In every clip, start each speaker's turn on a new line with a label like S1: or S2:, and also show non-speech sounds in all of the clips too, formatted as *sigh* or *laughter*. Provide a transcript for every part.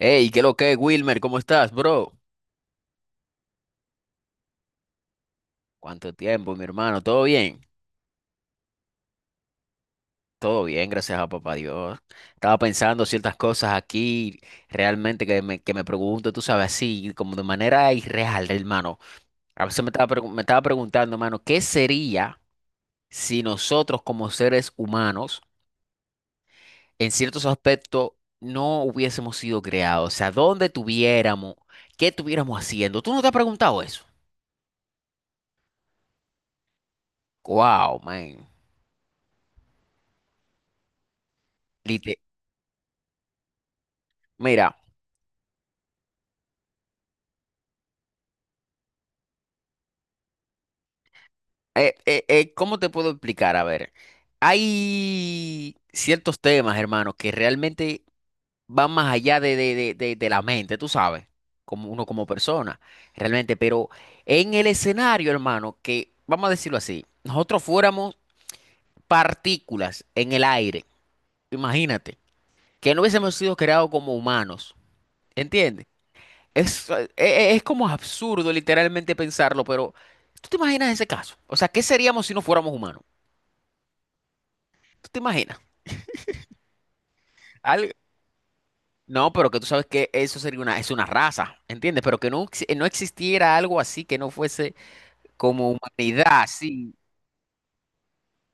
S1: Hey, ¿qué lo que, Wilmer? ¿Cómo estás, bro? ¿Cuánto tiempo, mi hermano? ¿Todo bien? Todo bien, gracias a papá Dios. Estaba pensando ciertas cosas aquí, realmente que me pregunto, tú sabes, así, como de manera irreal, hermano. A veces me estaba preguntando, hermano, ¿qué sería si nosotros como seres humanos, en ciertos aspectos, no hubiésemos sido creados? O sea, ¿dónde estuviéramos? ¿Qué estuviéramos haciendo? ¿Tú no te has preguntado eso? Wow, man. Lite- Mira. ¿Cómo te puedo explicar? A ver, hay ciertos temas, hermano, que realmente van más allá de la mente, tú sabes, como uno como persona, realmente, pero en el escenario, hermano, que, vamos a decirlo así, nosotros fuéramos partículas en el aire, imagínate, que no hubiésemos sido creados como humanos, ¿entiendes? Es como absurdo literalmente pensarlo, pero ¿tú te imaginas ese caso? O sea, ¿qué seríamos si no fuéramos humanos? ¿Tú te imaginas? Al- No, pero que tú sabes que eso sería una, es una raza, ¿entiendes? Pero que no, no existiera algo así que no fuese como humanidad, sí,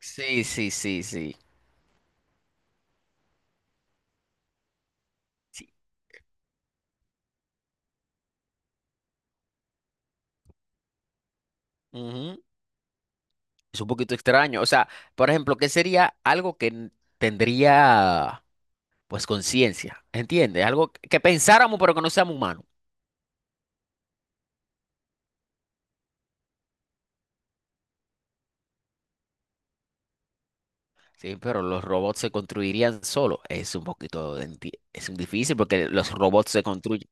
S1: sí, sí, sí, sí. Sí. Ujú. Es un poquito extraño. O sea, por ejemplo, ¿qué sería algo que tendría, pues, conciencia? ¿Entiendes? Algo que pensáramos, pero que no seamos humanos. Sí, pero los robots se construirían solos. Es un poquito, es un difícil porque los robots se construyen.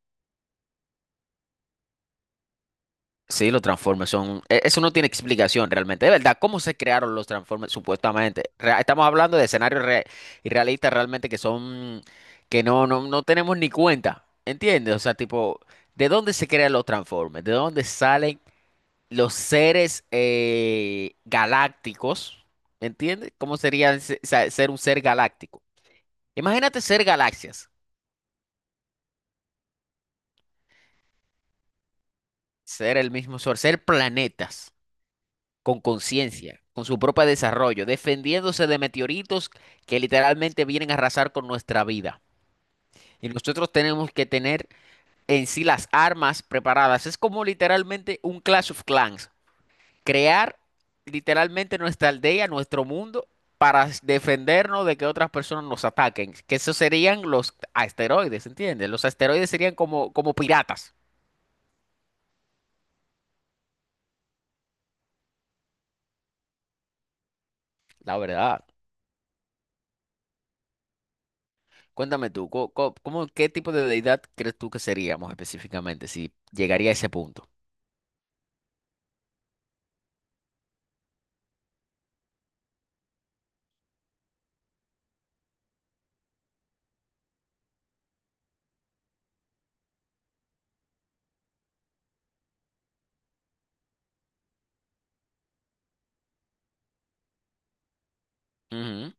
S1: Sí, los Transformers son, eso no tiene explicación realmente. De verdad, ¿cómo se crearon los Transformers supuestamente? Estamos hablando de escenarios irrealistas realmente que son, que no tenemos ni cuenta, ¿entiendes? O sea, tipo, ¿de dónde se crean los Transformers? ¿De dónde salen los seres galácticos? ¿Entiendes? ¿Cómo sería ser un ser galáctico? Imagínate ser galaxias, ser el mismo sol, ser planetas, con conciencia, con su propio desarrollo, defendiéndose de meteoritos que literalmente vienen a arrasar con nuestra vida. Y nosotros tenemos que tener en sí las armas preparadas. Es como literalmente un Clash of Clans. Crear literalmente nuestra aldea, nuestro mundo, para defendernos de que otras personas nos ataquen. Que esos serían los asteroides, ¿entiendes? Los asteroides serían como, como piratas, la verdad. Cuéntame tú, ¿cómo, qué tipo de deidad crees tú que seríamos específicamente si llegaría a ese punto? Ujú.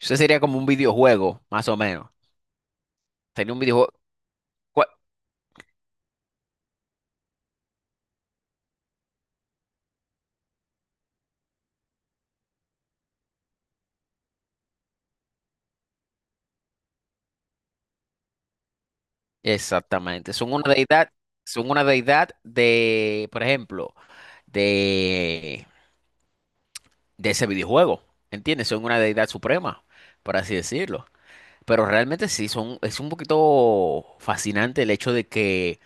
S1: Eso sería como un videojuego, más o menos. Sería un videojuego. ¿Cuál? Exactamente. Son una deidad de, por ejemplo, de, de ese videojuego. ¿Entiendes? Son una deidad suprema, por así decirlo. Pero realmente sí, son, es un poquito fascinante el hecho de que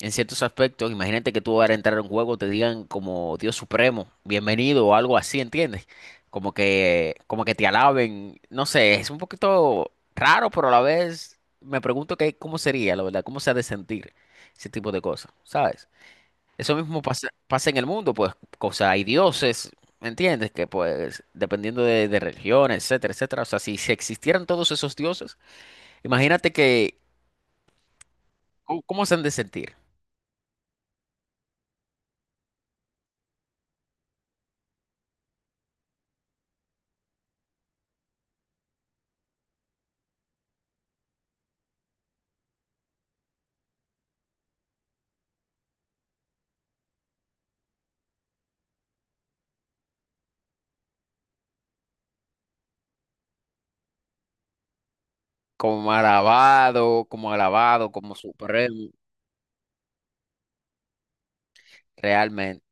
S1: en ciertos aspectos, imagínate que tú vas a entrar a un juego, te digan como Dios supremo, bienvenido o algo así, ¿entiendes? Como que te alaben, no sé, es un poquito raro, pero a la vez me pregunto que, cómo sería, la verdad, cómo se ha de sentir ese tipo de cosas, ¿sabes? Eso mismo pasa en el mundo, pues, o sea, hay dioses, ¿me ¿entiendes? Que pues, dependiendo de religión, etcétera, etcétera, o sea, si existieran todos esos dioses, imagínate que, ¿cómo se han de sentir? Como alabado, como alabado, como supremo, realmente.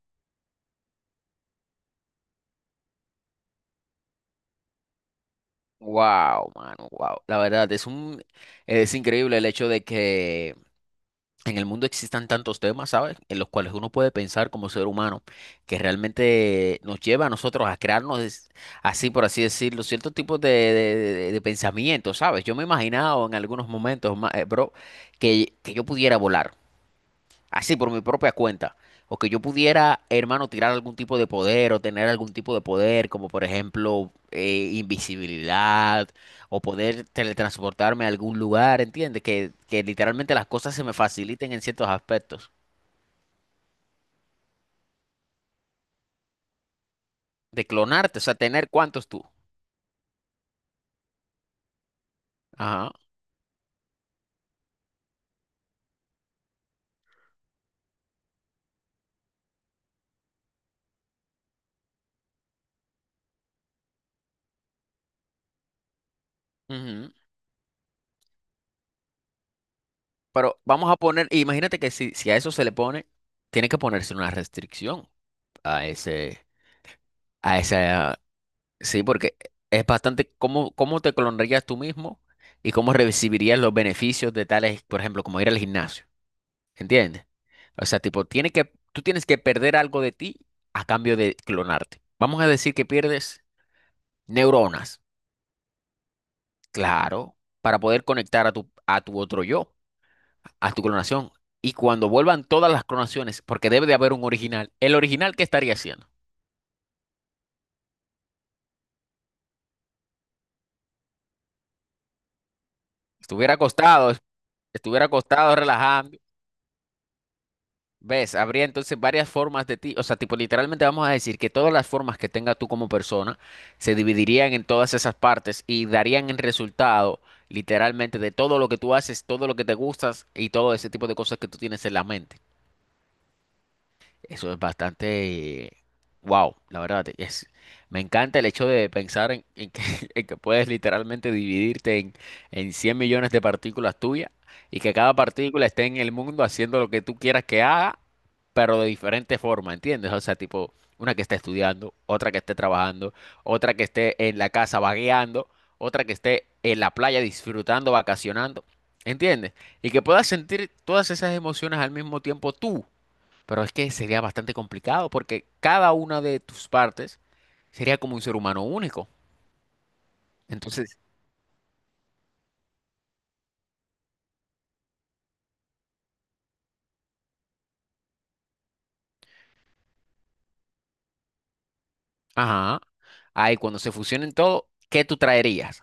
S1: Wow, mano, wow. La verdad, es un, es increíble el hecho de que en el mundo existan tantos temas, ¿sabes? En los cuales uno puede pensar como ser humano, que realmente nos lleva a nosotros a crearnos, así por así decirlo, ciertos tipos de, de pensamientos, ¿sabes? Yo me he imaginado en algunos momentos, bro, que yo pudiera volar. Así por mi propia cuenta. O que yo pudiera, hermano, tirar algún tipo de poder o tener algún tipo de poder, como por ejemplo invisibilidad o poder teletransportarme a algún lugar, ¿entiendes? Que literalmente las cosas se me faciliten en ciertos aspectos. De clonarte, o sea, tener cuántos tú. Ajá. Ujú. Pero vamos a poner, imagínate que si a eso se le pone, tiene que ponerse una restricción a ese, a ese. Sí, porque es bastante cómo, cómo te clonarías tú mismo y cómo recibirías los beneficios de tales, por ejemplo, como ir al gimnasio, ¿entiendes? O sea, tipo, tiene que, tú tienes que perder algo de ti a cambio de clonarte. Vamos a decir que pierdes neuronas, claro, para poder conectar a tu otro yo, a tu clonación. Y cuando vuelvan todas las clonaciones, porque debe de haber un original, ¿el original qué estaría haciendo? Estuviera acostado, estuviera acostado, relajado. ¿Ves? Habría entonces varias formas de ti, o sea, tipo literalmente vamos a decir que todas las formas que tenga tú como persona se dividirían en todas esas partes y darían el resultado literalmente de todo lo que tú haces, todo lo que te gustas y todo ese tipo de cosas que tú tienes en la mente. Eso es bastante, wow, la verdad, es, me encanta el hecho de pensar en que, *laughs* en que puedes literalmente dividirte en 100 millones de partículas tuyas y que cada partícula esté en el mundo haciendo lo que tú quieras que haga, pero de diferente forma, ¿entiendes? O sea, tipo, una que esté estudiando, otra que esté trabajando, otra que esté en la casa vagueando, otra que esté en la playa disfrutando, vacacionando, ¿entiendes? Y que puedas sentir todas esas emociones al mismo tiempo tú, pero es que sería bastante complicado porque cada una de tus partes sería como un ser humano único. Entonces, ajá, ahí cuando se fusionen todo, ¿qué tú traerías?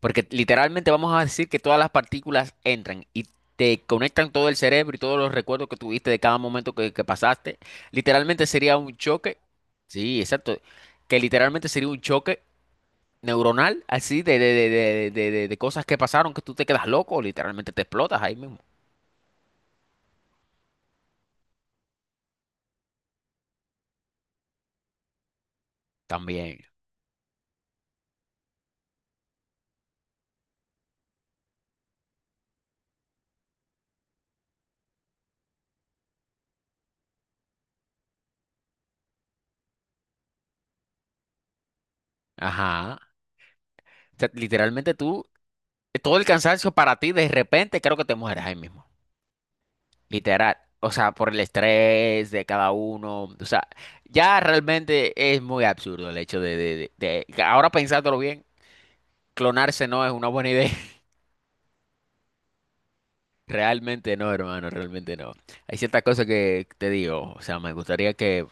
S1: Porque literalmente vamos a decir que todas las partículas entran y te conectan todo el cerebro y todos los recuerdos que tuviste de cada momento que pasaste. Literalmente sería un choque, sí, exacto, que literalmente sería un choque neuronal así de cosas que pasaron que tú te quedas loco, literalmente te explotas ahí mismo. También. Ajá. Sea, literalmente tú, todo el cansancio para ti, de repente creo que te mueres ahí mismo. Literal. O sea, por el estrés de cada uno. O sea, ya realmente es muy absurdo el hecho ahora pensándolo bien, clonarse no es una buena idea. *laughs* Realmente no, hermano, realmente no. Hay ciertas cosas que te digo, o sea, me gustaría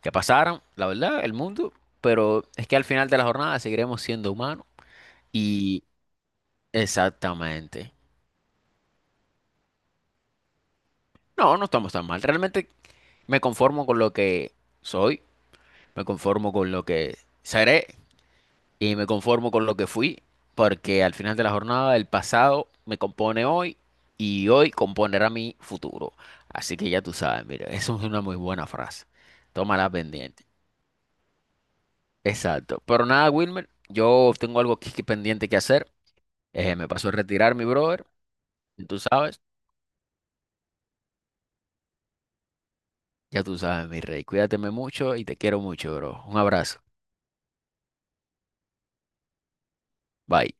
S1: que pasaran, la verdad, el mundo, pero es que al final de la jornada seguiremos siendo humanos. Y exactamente. No, no estamos tan mal. Realmente me conformo con lo que soy, me conformo con lo que seré y me conformo con lo que fui, porque al final de la jornada el pasado me compone hoy y hoy componerá mi futuro. Así que ya tú sabes, mira, *laughs* eso es una muy buena frase. Tómala pendiente. Exacto. Pero nada, Wilmer, yo tengo algo aquí que pendiente que hacer. Me paso a retirar, mi brother. Y tú sabes, ya tú sabes, mi rey. Cuídateme mucho y te quiero mucho, bro. Un abrazo. Bye.